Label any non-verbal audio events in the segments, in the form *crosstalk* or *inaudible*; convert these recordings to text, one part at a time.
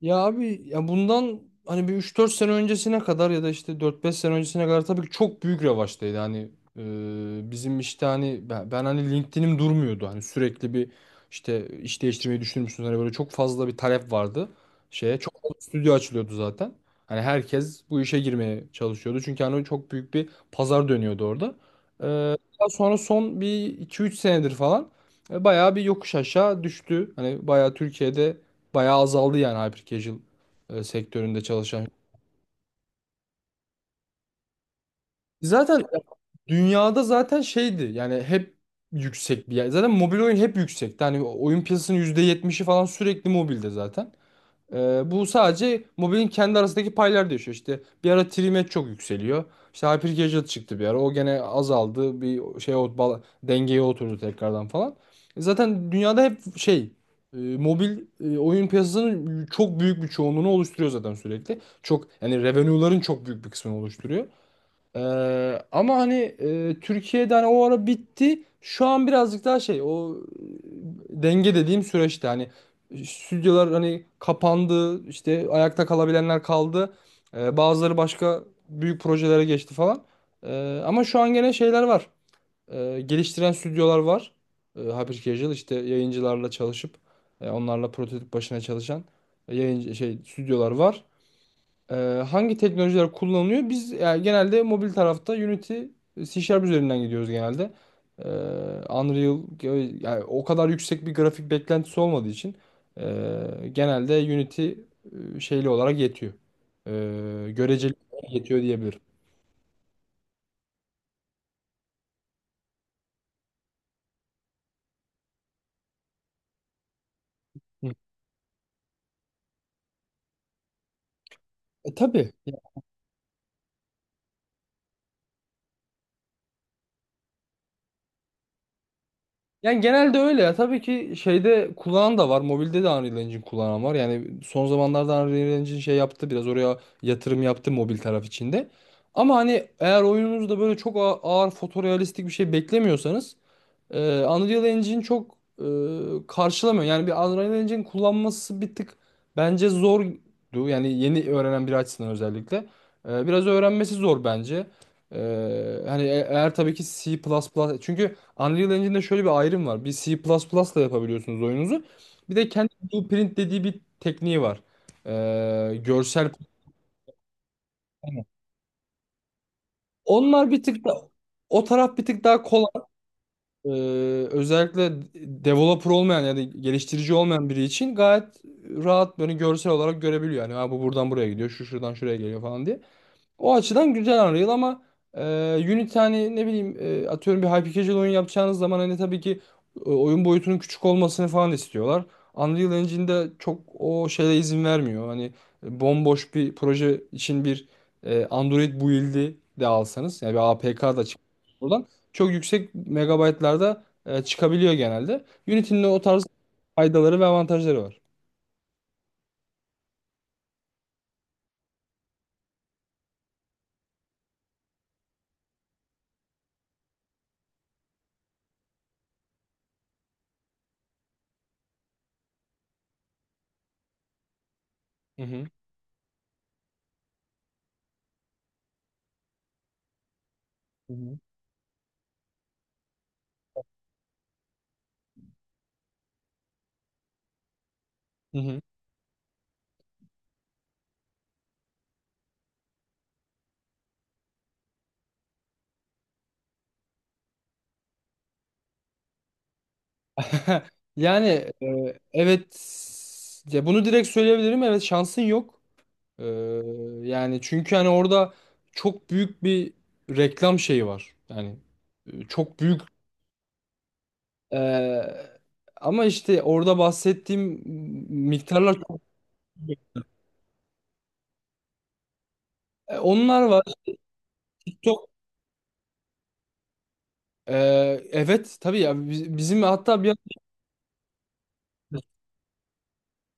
Ya abi ya bundan hani bir üç dört sene öncesine kadar ya da işte dört beş sene öncesine kadar tabii ki çok büyük revaçtaydı. Hani bizim işte hani ben hani LinkedIn'im durmuyordu. Hani sürekli bir işte iş değiştirmeyi düşünür müsünüz? Hani böyle çok fazla bir talep vardı şeye. Çok fazla stüdyo açılıyordu zaten. Hani herkes bu işe girmeye çalışıyordu. Çünkü hani çok büyük bir pazar dönüyordu orada. E, Daha sonra son bir iki üç senedir falan bayağı bir yokuş aşağı düştü. Hani bayağı Türkiye'de bayağı azaldı yani hyper sektöründe çalışan. Zaten dünyada zaten şeydi yani hep yüksek bir yer. Zaten mobil oyun hep yüksekti. Hani oyun piyasasının %70'i falan sürekli mobilde zaten. Bu sadece mobilin kendi arasındaki paylar değişiyor. İşte bir ara Trimet çok yükseliyor. İşte Hypercasual çıktı bir ara. O gene azaldı. Bir şey dengeye oturdu tekrardan falan. E zaten dünyada hep şey mobil oyun piyasasının çok büyük bir çoğunluğunu oluşturuyor zaten sürekli. Çok yani revenue'ların çok büyük bir kısmını oluşturuyor. Ama hani Türkiye'de hani o ara bitti. Şu an birazcık daha şey o denge dediğim süreçte hani stüdyolar hani kapandı, işte ayakta kalabilenler kaldı. Bazıları başka büyük projelere geçti falan. Ama şu an gene şeyler var. Geliştiren stüdyolar var. Hyper Casual işte yayıncılarla çalışıp onlarla prototip başına çalışan yayıncı şey stüdyolar var. Ee, hangi teknolojiler kullanılıyor? Biz yani genelde mobil tarafta Unity, C Sharp üzerinden gidiyoruz genelde. Ee, Unreal yani o kadar yüksek bir grafik beklentisi olmadığı için genelde Unity şeyli olarak yetiyor. Göreceli olarak yetiyor diyebilirim. Hı. E, tabii. Yani genelde öyle ya. Tabii ki şeyde kullanan da var. Mobilde de Unreal Engine kullanan var. Yani son zamanlarda Unreal Engine şey yaptı. Biraz oraya yatırım yaptı mobil taraf içinde. Ama hani eğer oyununuzda böyle çok ağır fotorealistik bir şey beklemiyorsanız Unreal Engine çok karşılamıyor. Yani bir Unreal Engine kullanması bir tık bence zordu. Yani yeni öğrenen biri açısından özellikle. Biraz öğrenmesi zor bence. Hani eğer tabii ki C++, çünkü Unreal Engine'de şöyle bir ayrım var. Bir C++ ile yapabiliyorsunuz oyununuzu. Bir de kendi Blueprint dediği bir tekniği var. Görsel. Onlar bir tık da o taraf bir tık daha kolay. Ee, özellikle developer olmayan ya da geliştirici olmayan biri için gayet rahat böyle görsel olarak görebiliyor. Yani ha, bu buradan buraya gidiyor, şu şuradan şuraya geliyor falan diye. O açıdan güzel Unreal ama e, Unity hani ne bileyim atıyorum bir hyper-casual oyun yapacağınız zaman hani tabii ki oyun boyutunun küçük olmasını falan istiyorlar. Unreal Engine'de çok o şeye izin vermiyor. Hani bomboş bir proje için bir Android build'i de alsanız yani bir APK da çık buradan çok yüksek megabaytlarda çıkabiliyor genelde. Unity'nin de o tarz faydaları ve avantajları var. Hı hı. Hı hı. Hı hı. *laughs* Yani evet ya bunu direkt söyleyebilirim. Evet, şansın yok. Ee, yani çünkü hani orada çok büyük bir reklam şeyi var. Yani çok büyük e, ama işte orada bahsettiğim miktarlar onlar var. TikTok, e, evet tabii ya, bizim hatta bir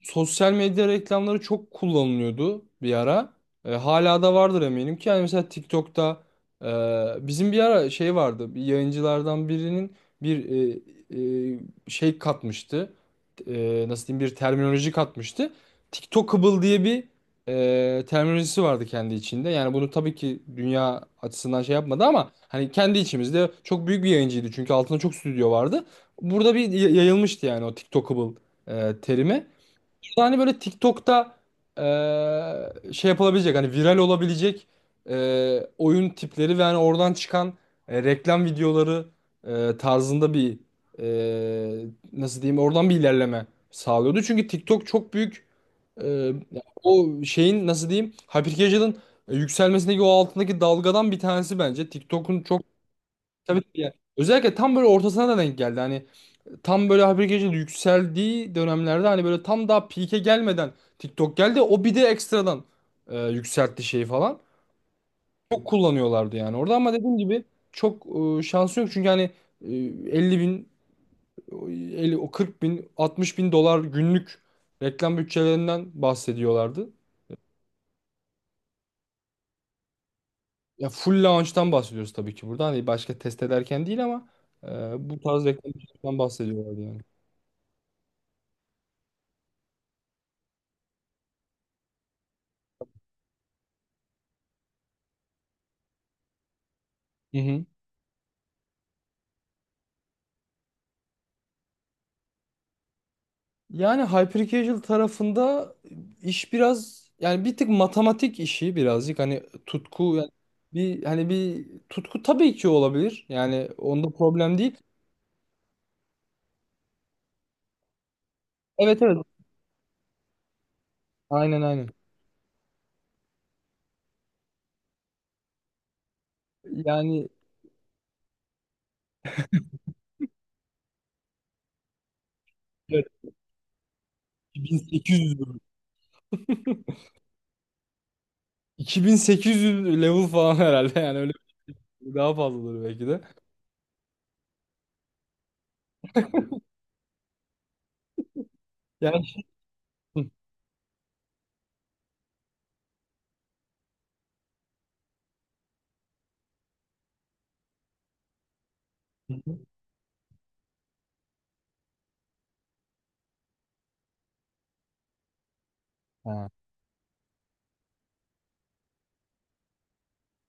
sosyal medya reklamları çok kullanılıyordu bir ara. E, hala da vardır eminim ki. Yani mesela TikTok'ta e, bizim bir ara şey vardı. Bir yayıncılardan birinin bir e, e, şey katmıştı. E, nasıl diyeyim, bir terminoloji katmıştı. TikTokable diye bir terminolojisi vardı kendi içinde. Yani bunu tabii ki dünya açısından şey yapmadı ama hani kendi içimizde çok büyük bir yayıncıydı. Çünkü altında çok stüdyo vardı. Burada bir yayılmıştı yani o TikTokable terimi. Hani böyle TikTok'ta şey yapılabilecek hani viral olabilecek oyun tipleri ve hani oradan çıkan reklam videoları tarzında bir e, nasıl diyeyim, oradan bir ilerleme sağlıyordu. Çünkü TikTok çok büyük e, o şeyin, nasıl diyeyim, hypercasual'ın yükselmesindeki o altındaki dalgadan bir tanesi bence. TikTok'un çok, tabii ki, yani özellikle tam böyle ortasına da denk geldi. Hani tam böyle haber gece yükseldiği dönemlerde hani böyle tam daha peak'e gelmeden TikTok geldi. O bir de ekstradan yükseltti şeyi falan. Çok kullanıyorlardı yani orada, ama dediğim gibi çok şansı yok. Çünkü hani e, 50 bin, o o 40 bin, 60 bin $ günlük reklam bütçelerinden bahsediyorlardı. Ya full launch'tan bahsediyoruz tabii ki burada. Hani başka test ederken değil, ama e, bu tarz reklam bütçelerinden bahsediyorlardı yani. Hı hı. Yani hyper tarafında iş biraz yani bir tık matematik işi, birazcık hani tutku yani bir hani bir tutku tabii ki olabilir. Yani onda problem değil. Evet, evet. Aynen, aynen. Yani evet, 2800 2800 *laughs* level falan herhalde, yani öyle, daha fazladır belki de. Yani *laughs* hı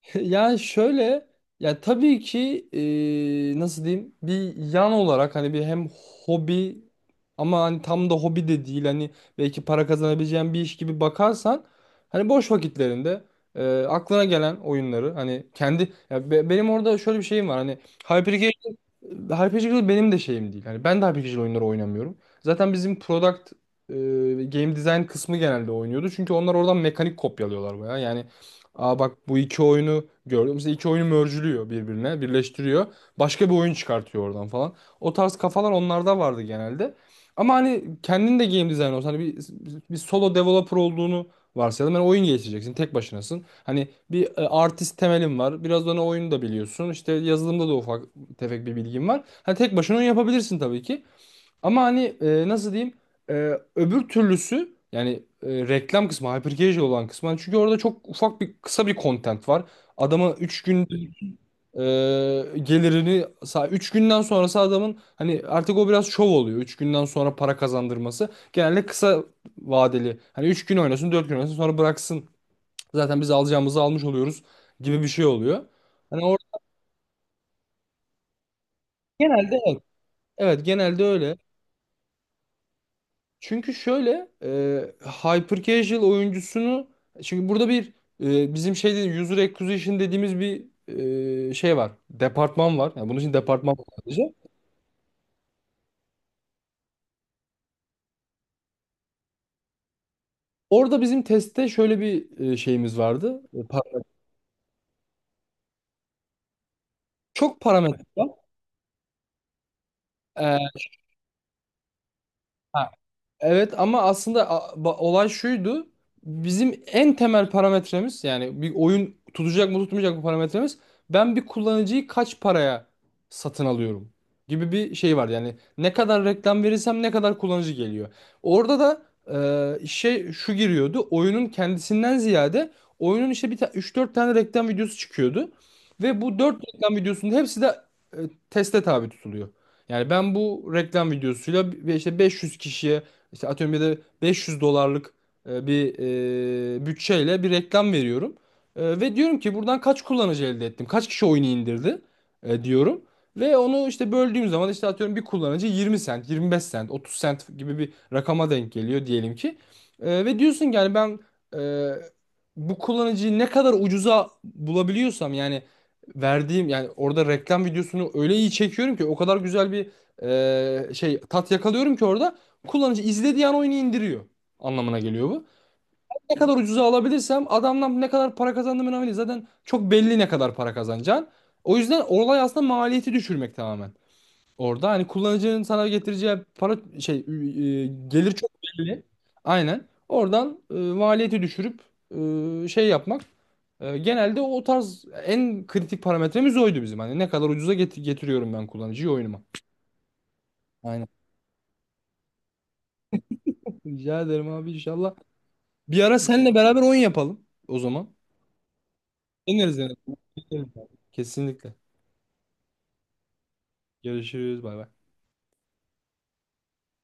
*laughs* yani şöyle, ya tabii ki nasıl diyeyim, bir yan olarak hani bir hem hobi ama hani tam da hobi de değil, hani belki para kazanabileceğin bir iş gibi bakarsan hani boş vakitlerinde aklına gelen oyunları hani kendi ya benim orada şöyle bir şeyim var hani. Hypercasual, HyperGL benim de şeyim değil. Yani ben de HyperGL oyunları oynamıyorum. Zaten bizim product e, game design kısmı genelde oynuyordu. Çünkü onlar oradan mekanik kopyalıyorlar bayağı. Yani, aa bak, bu iki oyunu gördüm. Mesela iki oyunu merge'lüyor birbirine, birleştiriyor. Başka bir oyun çıkartıyor oradan falan. O tarz kafalar onlarda vardı genelde. Ama hani kendin de game design olsan hani bir solo developer olduğunu varsayalım. Yani oyun geliştireceksin, tek başınasın. Hani bir artist temelin var. Biraz da ona oyunu da biliyorsun. İşte yazılımda da ufak tefek bir bilgim var. Hani tek başına onu yapabilirsin tabii ki. Ama hani nasıl diyeyim? E, öbür türlüsü yani reklam kısmı, hyper olan kısmı. Hani çünkü orada çok ufak bir kısa bir content var. Adama 3 gün e, gelirini, 3 günden sonrası adamın hani artık o biraz şov oluyor. 3 günden sonra para kazandırması genelde kısa vadeli. Hani 3 gün oynasın, 4 gün oynasın, sonra bıraksın. Zaten biz alacağımızı almış oluyoruz gibi bir şey oluyor. Hani orada genelde evet, evet, genelde öyle. Çünkü şöyle, hyper casual oyuncusunu, çünkü burada bir bizim şeyde user acquisition dediğimiz bir şey var. Departman var. Yani bunun için departman var sadece. Orada bizim testte şöyle bir şeyimiz vardı. E, çok parametre var. E, Evet, ama aslında olay şuydu. Bizim en temel parametremiz, yani bir oyun tutacak mı tutmayacak mı parametremiz, ben bir kullanıcıyı kaç paraya satın alıyorum gibi bir şey var. Yani ne kadar reklam verirsem ne kadar kullanıcı geliyor. Orada da şey şu giriyordu. Oyunun kendisinden ziyade oyunun işte bir ta 3-4 tane reklam videosu çıkıyordu ve bu dört reklam videosunun hepsi de e, teste tabi tutuluyor. Yani ben bu reklam videosuyla işte 500 kişiye işte atıyorum bir de 500 dolarlık bir bütçeyle bir reklam veriyorum. E, ve diyorum ki buradan kaç kullanıcı elde ettim? Kaç kişi oyunu indirdi? E, diyorum. Ve onu işte böldüğüm zaman işte atıyorum bir kullanıcı 20 sent, 25 sent, 30 sent gibi bir rakama denk geliyor diyelim ki. E, ve diyorsun ki yani ben e, bu kullanıcıyı ne kadar ucuza bulabiliyorsam, yani verdiğim yani orada reklam videosunu öyle iyi çekiyorum ki, o kadar güzel bir şey tat yakalıyorum ki orada kullanıcı izlediği an oyunu indiriyor anlamına geliyor bu. Ne kadar ucuza alabilirsem, adamdan ne kadar para kazandığım önemli değil. Zaten çok belli ne kadar para kazanacağın. O yüzden olay aslında maliyeti düşürmek tamamen. Orada hani kullanıcının sana getireceği para şey, gelir çok belli. Aynen. Oradan maliyeti düşürüp şey yapmak. Genelde o tarz en kritik parametremiz oydu bizim. Hani ne kadar ucuza getiriyorum ben kullanıcıyı oyunuma. Aynen. Rica ederim abi, inşallah. Bir ara seninle beraber oyun yapalım o zaman. Deneriz yani. Kesinlikle. Görüşürüz. Bay bay.